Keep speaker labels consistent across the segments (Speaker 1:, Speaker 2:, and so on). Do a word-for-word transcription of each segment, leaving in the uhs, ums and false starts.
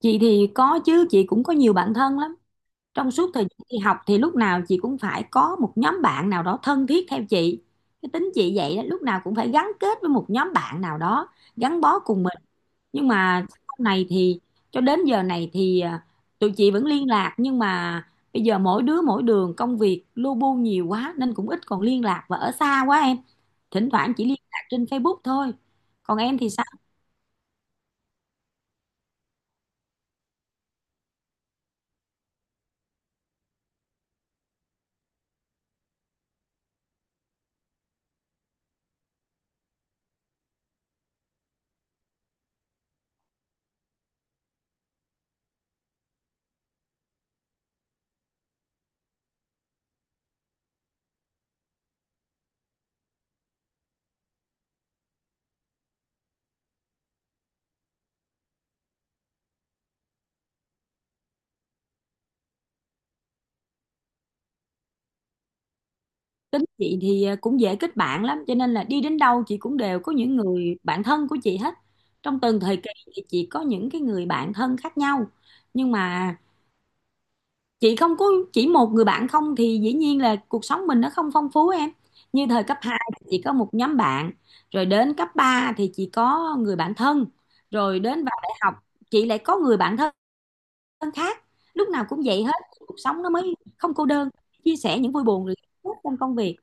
Speaker 1: Chị thì có chứ, chị cũng có nhiều bạn thân lắm. Trong suốt thời gian đi học thì lúc nào chị cũng phải có một nhóm bạn nào đó thân thiết theo chị. Cái tính chị vậy đó, lúc nào cũng phải gắn kết với một nhóm bạn nào đó, gắn bó cùng mình. Nhưng mà sau này thì cho đến giờ này thì à, tụi chị vẫn liên lạc, nhưng mà bây giờ mỗi đứa mỗi đường, công việc lu bu nhiều quá nên cũng ít còn liên lạc và ở xa quá em. Thỉnh thoảng chỉ liên lạc trên Facebook thôi. Còn em thì sao? Tính chị thì à, cũng dễ kết bạn lắm, cho nên là đi đến đâu chị cũng đều có những người bạn thân của chị hết. Trong từng thời kỳ thì chị có những cái người bạn thân khác nhau, nhưng mà chị không có chỉ một người bạn không, thì dĩ nhiên là cuộc sống mình nó không phong phú em. Như thời cấp hai thì chị có một nhóm bạn, rồi đến cấp ba thì chị có người bạn thân, rồi đến vào đại học chị lại có người bạn thân khác. Lúc nào cũng vậy hết, cuộc sống nó mới không cô đơn, chia sẻ những vui buồn rồi hạnh phúc trong công việc.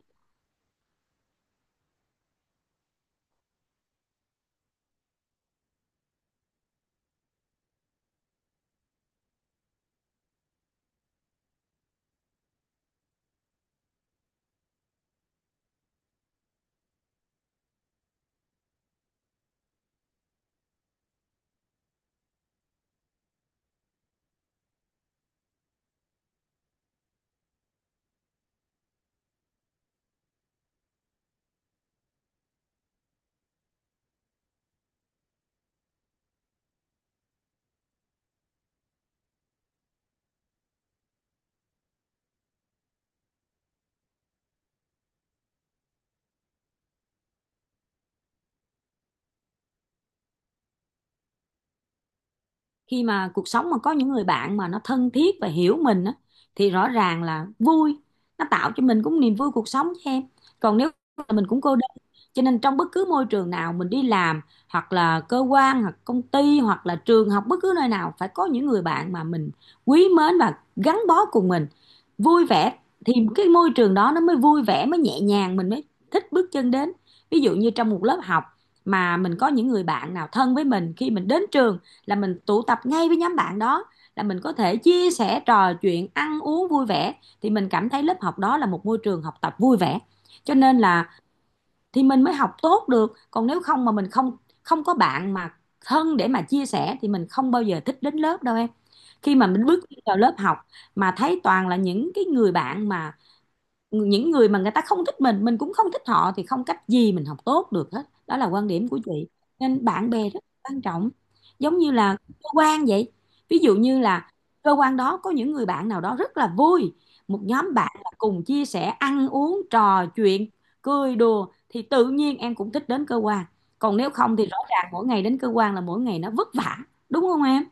Speaker 1: Khi mà cuộc sống mà có những người bạn mà nó thân thiết và hiểu mình á thì rõ ràng là vui, nó tạo cho mình cũng niềm vui cuộc sống cho em. Còn nếu mà mình cũng cô đơn, cho nên trong bất cứ môi trường nào mình đi làm, hoặc là cơ quan hoặc công ty hoặc là trường học, bất cứ nơi nào phải có những người bạn mà mình quý mến và gắn bó cùng mình, vui vẻ, thì cái môi trường đó nó mới vui vẻ, mới nhẹ nhàng, mình mới thích bước chân đến. Ví dụ như trong một lớp học mà mình có những người bạn nào thân với mình, khi mình đến trường là mình tụ tập ngay với nhóm bạn đó, là mình có thể chia sẻ trò chuyện ăn uống vui vẻ, thì mình cảm thấy lớp học đó là một môi trường học tập vui vẻ, cho nên là thì mình mới học tốt được. Còn nếu không mà mình không không có bạn mà thân để mà chia sẻ thì mình không bao giờ thích đến lớp đâu em. Khi mà mình bước vào lớp học mà thấy toàn là những cái người bạn mà những người mà người ta không thích mình mình cũng không thích họ, thì không cách gì mình học tốt được hết. Đó là quan điểm của chị. Nên bạn bè rất quan trọng, giống như là cơ quan vậy. Ví dụ như là cơ quan đó có những người bạn nào đó rất là vui, một nhóm bạn là cùng chia sẻ ăn uống trò chuyện cười đùa, thì tự nhiên em cũng thích đến cơ quan. Còn nếu không thì rõ ràng mỗi ngày đến cơ quan là mỗi ngày nó vất vả, đúng không em?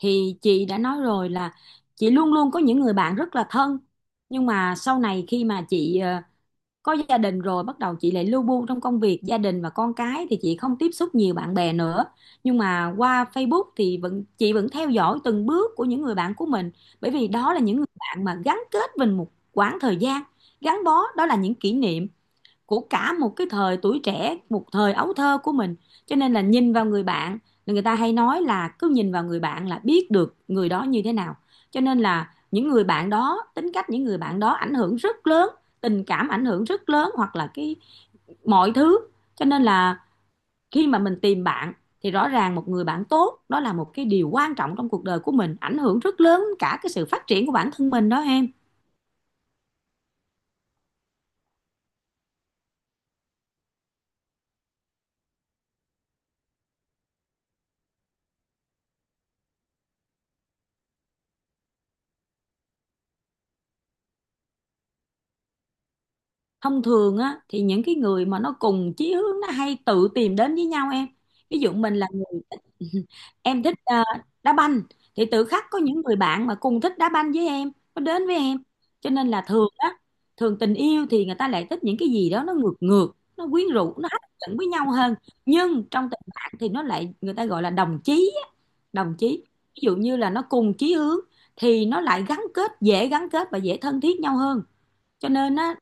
Speaker 1: Thì chị đã nói rồi là chị luôn luôn có những người bạn rất là thân. Nhưng mà sau này khi mà chị ờ, có gia đình rồi, bắt đầu chị lại lu bu trong công việc gia đình và con cái thì chị không tiếp xúc nhiều bạn bè nữa. Nhưng mà qua Facebook thì vẫn chị vẫn theo dõi từng bước của những người bạn của mình, bởi vì đó là những người bạn mà gắn kết mình một quãng thời gian gắn bó, đó là những kỷ niệm của cả một cái thời tuổi trẻ, một thời ấu thơ của mình. Cho nên là nhìn vào người bạn, là người ta hay nói là cứ nhìn vào người bạn là biết được người đó như thế nào. Cho nên là những người bạn đó, tính cách những người bạn đó ảnh hưởng rất lớn, tình cảm ảnh hưởng rất lớn, hoặc là cái mọi thứ. Cho nên là khi mà mình tìm bạn thì rõ ràng một người bạn tốt đó là một cái điều quan trọng trong cuộc đời của mình, ảnh hưởng rất lớn cả cái sự phát triển của bản thân mình đó em. Thông thường á thì những cái người mà nó cùng chí hướng nó hay tự tìm đến với nhau em. Ví dụ mình là người em thích ờ, đá banh thì tự khắc có những người bạn mà cùng thích đá banh với em có đến với em. Cho nên là thường á, thường tình yêu thì người ta lại thích những cái gì đó nó ngược ngược, nó quyến rũ, nó hấp dẫn với nhau hơn. Nhưng trong tình bạn thì nó lại, người ta gọi là đồng chí á, đồng chí. Ví dụ như là nó cùng chí hướng thì nó lại gắn kết, dễ gắn kết và dễ thân thiết nhau hơn. Cho nên á,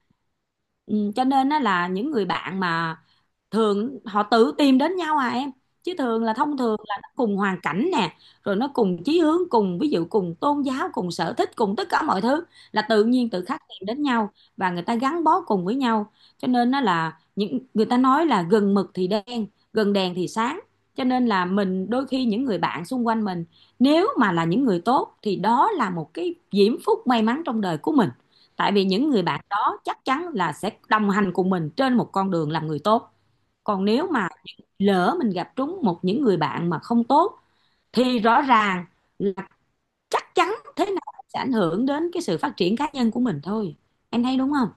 Speaker 1: ừ, cho nên á là những người bạn mà thường họ tự tìm đến nhau à em. Chứ thường là, thông thường là nó cùng hoàn cảnh nè, rồi nó cùng chí hướng, cùng ví dụ cùng tôn giáo, cùng sở thích, cùng tất cả mọi thứ, là tự nhiên tự khắc tìm đến nhau và người ta gắn bó cùng với nhau. Cho nên nó là, những người ta nói là gần mực thì đen, gần đèn thì sáng. Cho nên là mình đôi khi những người bạn xung quanh mình, nếu mà là những người tốt thì đó là một cái diễm phúc may mắn trong đời của mình, tại vì những người bạn đó chắc chắn là sẽ đồng hành cùng mình trên một con đường làm người tốt. Còn nếu mà lỡ mình gặp trúng một những người bạn mà không tốt thì rõ ràng là, chắc chắn thế nào sẽ ảnh hưởng đến cái sự phát triển cá nhân của mình thôi. Em thấy đúng không?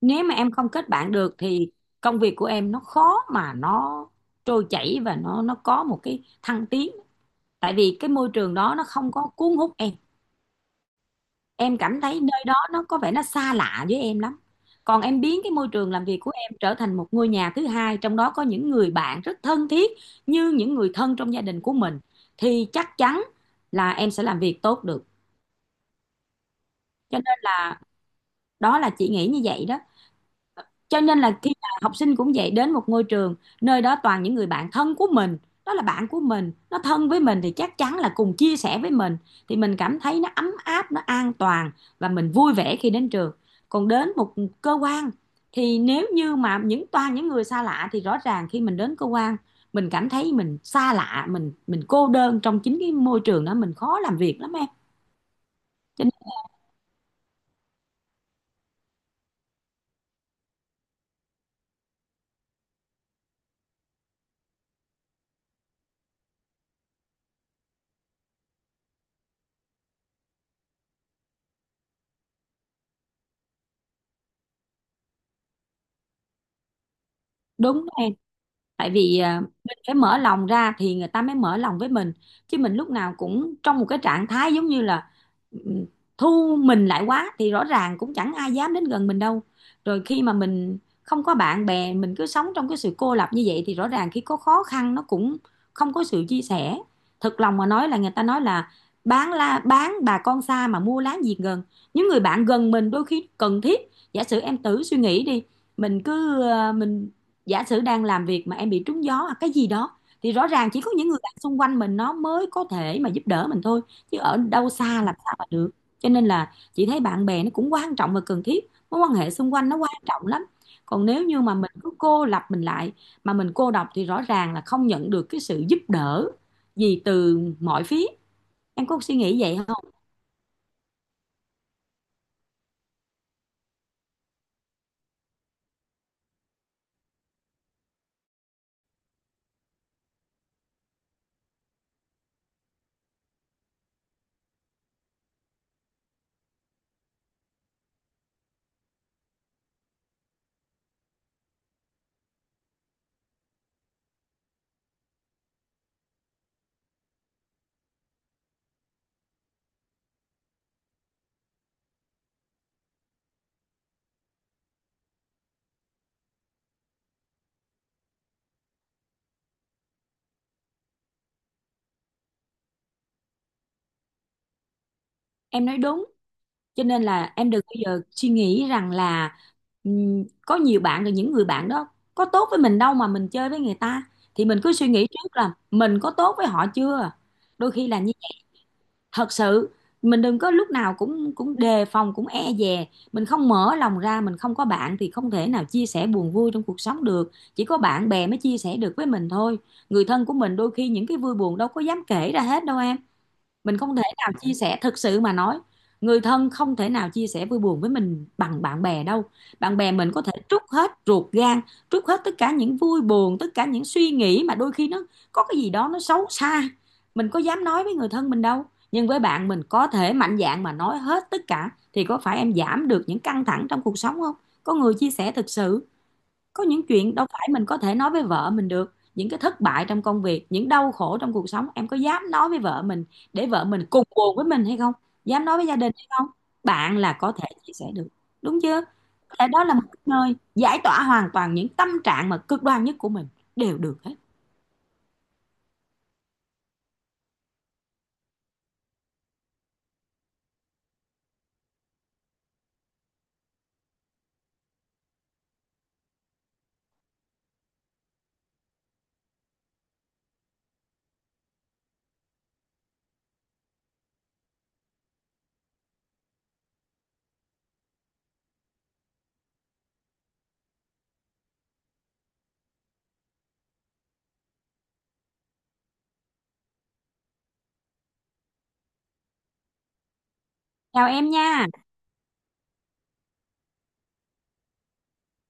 Speaker 1: Nếu mà em không kết bạn được thì công việc của em nó khó mà nó trôi chảy và nó nó có một cái thăng tiến. Tại vì cái môi trường đó nó không có cuốn hút em. Em cảm thấy nơi đó nó có vẻ nó xa lạ với em lắm. Còn em biến cái môi trường làm việc của em trở thành một ngôi nhà thứ hai, trong đó có những người bạn rất thân thiết như những người thân trong gia đình của mình, thì chắc chắn là em sẽ làm việc tốt được. Cho nên là đó là chị nghĩ như vậy đó. Cho nên là khi mà học sinh cũng vậy, đến một ngôi trường nơi đó toàn những người bạn thân của mình, đó là bạn của mình nó thân với mình thì chắc chắn là cùng chia sẻ với mình, thì mình cảm thấy nó ấm áp, nó an toàn, và mình vui vẻ khi đến trường. Còn đến một cơ quan thì nếu như mà những toàn những người xa lạ thì rõ ràng khi mình đến cơ quan, mình cảm thấy mình xa lạ, mình mình cô đơn trong chính cái môi trường đó, mình khó làm việc lắm em. Cho nên- Đúng em, tại vì à, mình phải mở lòng ra thì người ta mới mở lòng với mình. Chứ mình lúc nào cũng trong một cái trạng thái giống như là ừm, thu mình lại quá thì rõ ràng cũng chẳng ai dám đến gần mình đâu. Rồi khi mà mình không có bạn bè, mình cứ sống trong cái sự cô lập như vậy, thì rõ ràng khi có khó khăn nó cũng không có sự chia sẻ. Thật lòng mà nói, là người ta nói là bán la bán bà con xa mà mua láng giềng gần. Những người bạn gần mình đôi khi cần thiết. Giả sử em thử suy nghĩ đi, mình cứ ờ, mình giả sử đang làm việc mà em bị trúng gió hoặc cái gì đó, thì rõ ràng chỉ có những người bạn xung quanh mình nó mới có thể mà giúp đỡ mình thôi. Chứ ở đâu xa làm sao mà được. Cho nên là chị thấy bạn bè nó cũng quan trọng và cần thiết, mối quan hệ xung quanh nó quan trọng lắm. Còn nếu như mà mình cứ cô lập mình lại mà mình cô độc, thì rõ ràng là không nhận được cái sự giúp đỡ gì từ mọi phía. Em có suy nghĩ vậy không? Em nói đúng. Cho nên là em đừng bao giờ suy nghĩ rằng là ừm, có nhiều bạn rồi những người bạn đó có tốt với mình đâu mà mình chơi với người ta, thì mình cứ suy nghĩ trước là mình có tốt với họ chưa. Đôi khi là như thật sự mình đừng có lúc nào cũng cũng đề phòng, cũng e dè. Mình không mở lòng ra, mình không có bạn thì không thể nào chia sẻ buồn vui trong cuộc sống được, chỉ có bạn bè mới chia sẻ được với mình thôi. Người thân của mình đôi khi những cái vui buồn đâu có dám kể ra hết đâu em. Mình không thể nào chia sẻ, thực sự mà nói, người thân không thể nào chia sẻ vui buồn với mình bằng bạn bè đâu. Bạn bè mình có thể trút hết ruột gan, trút hết tất cả những vui buồn, tất cả những suy nghĩ mà đôi khi nó có cái gì đó nó xấu xa, mình có dám nói với người thân mình đâu. Nhưng với bạn mình có thể mạnh dạn mà nói hết tất cả, thì có phải em giảm được những căng thẳng trong cuộc sống không? Có người chia sẻ thực sự. Có những chuyện đâu phải mình có thể nói với vợ mình được, những cái thất bại trong công việc, những đau khổ trong cuộc sống em có dám nói với vợ mình để vợ mình cùng buồn với mình hay không? Dám nói với gia đình hay không? Bạn là có thể chia sẻ được, đúng chưa? Có thể đó là một cái nơi giải tỏa hoàn toàn những tâm trạng mà cực đoan nhất của mình, đều được hết. Chào em nha.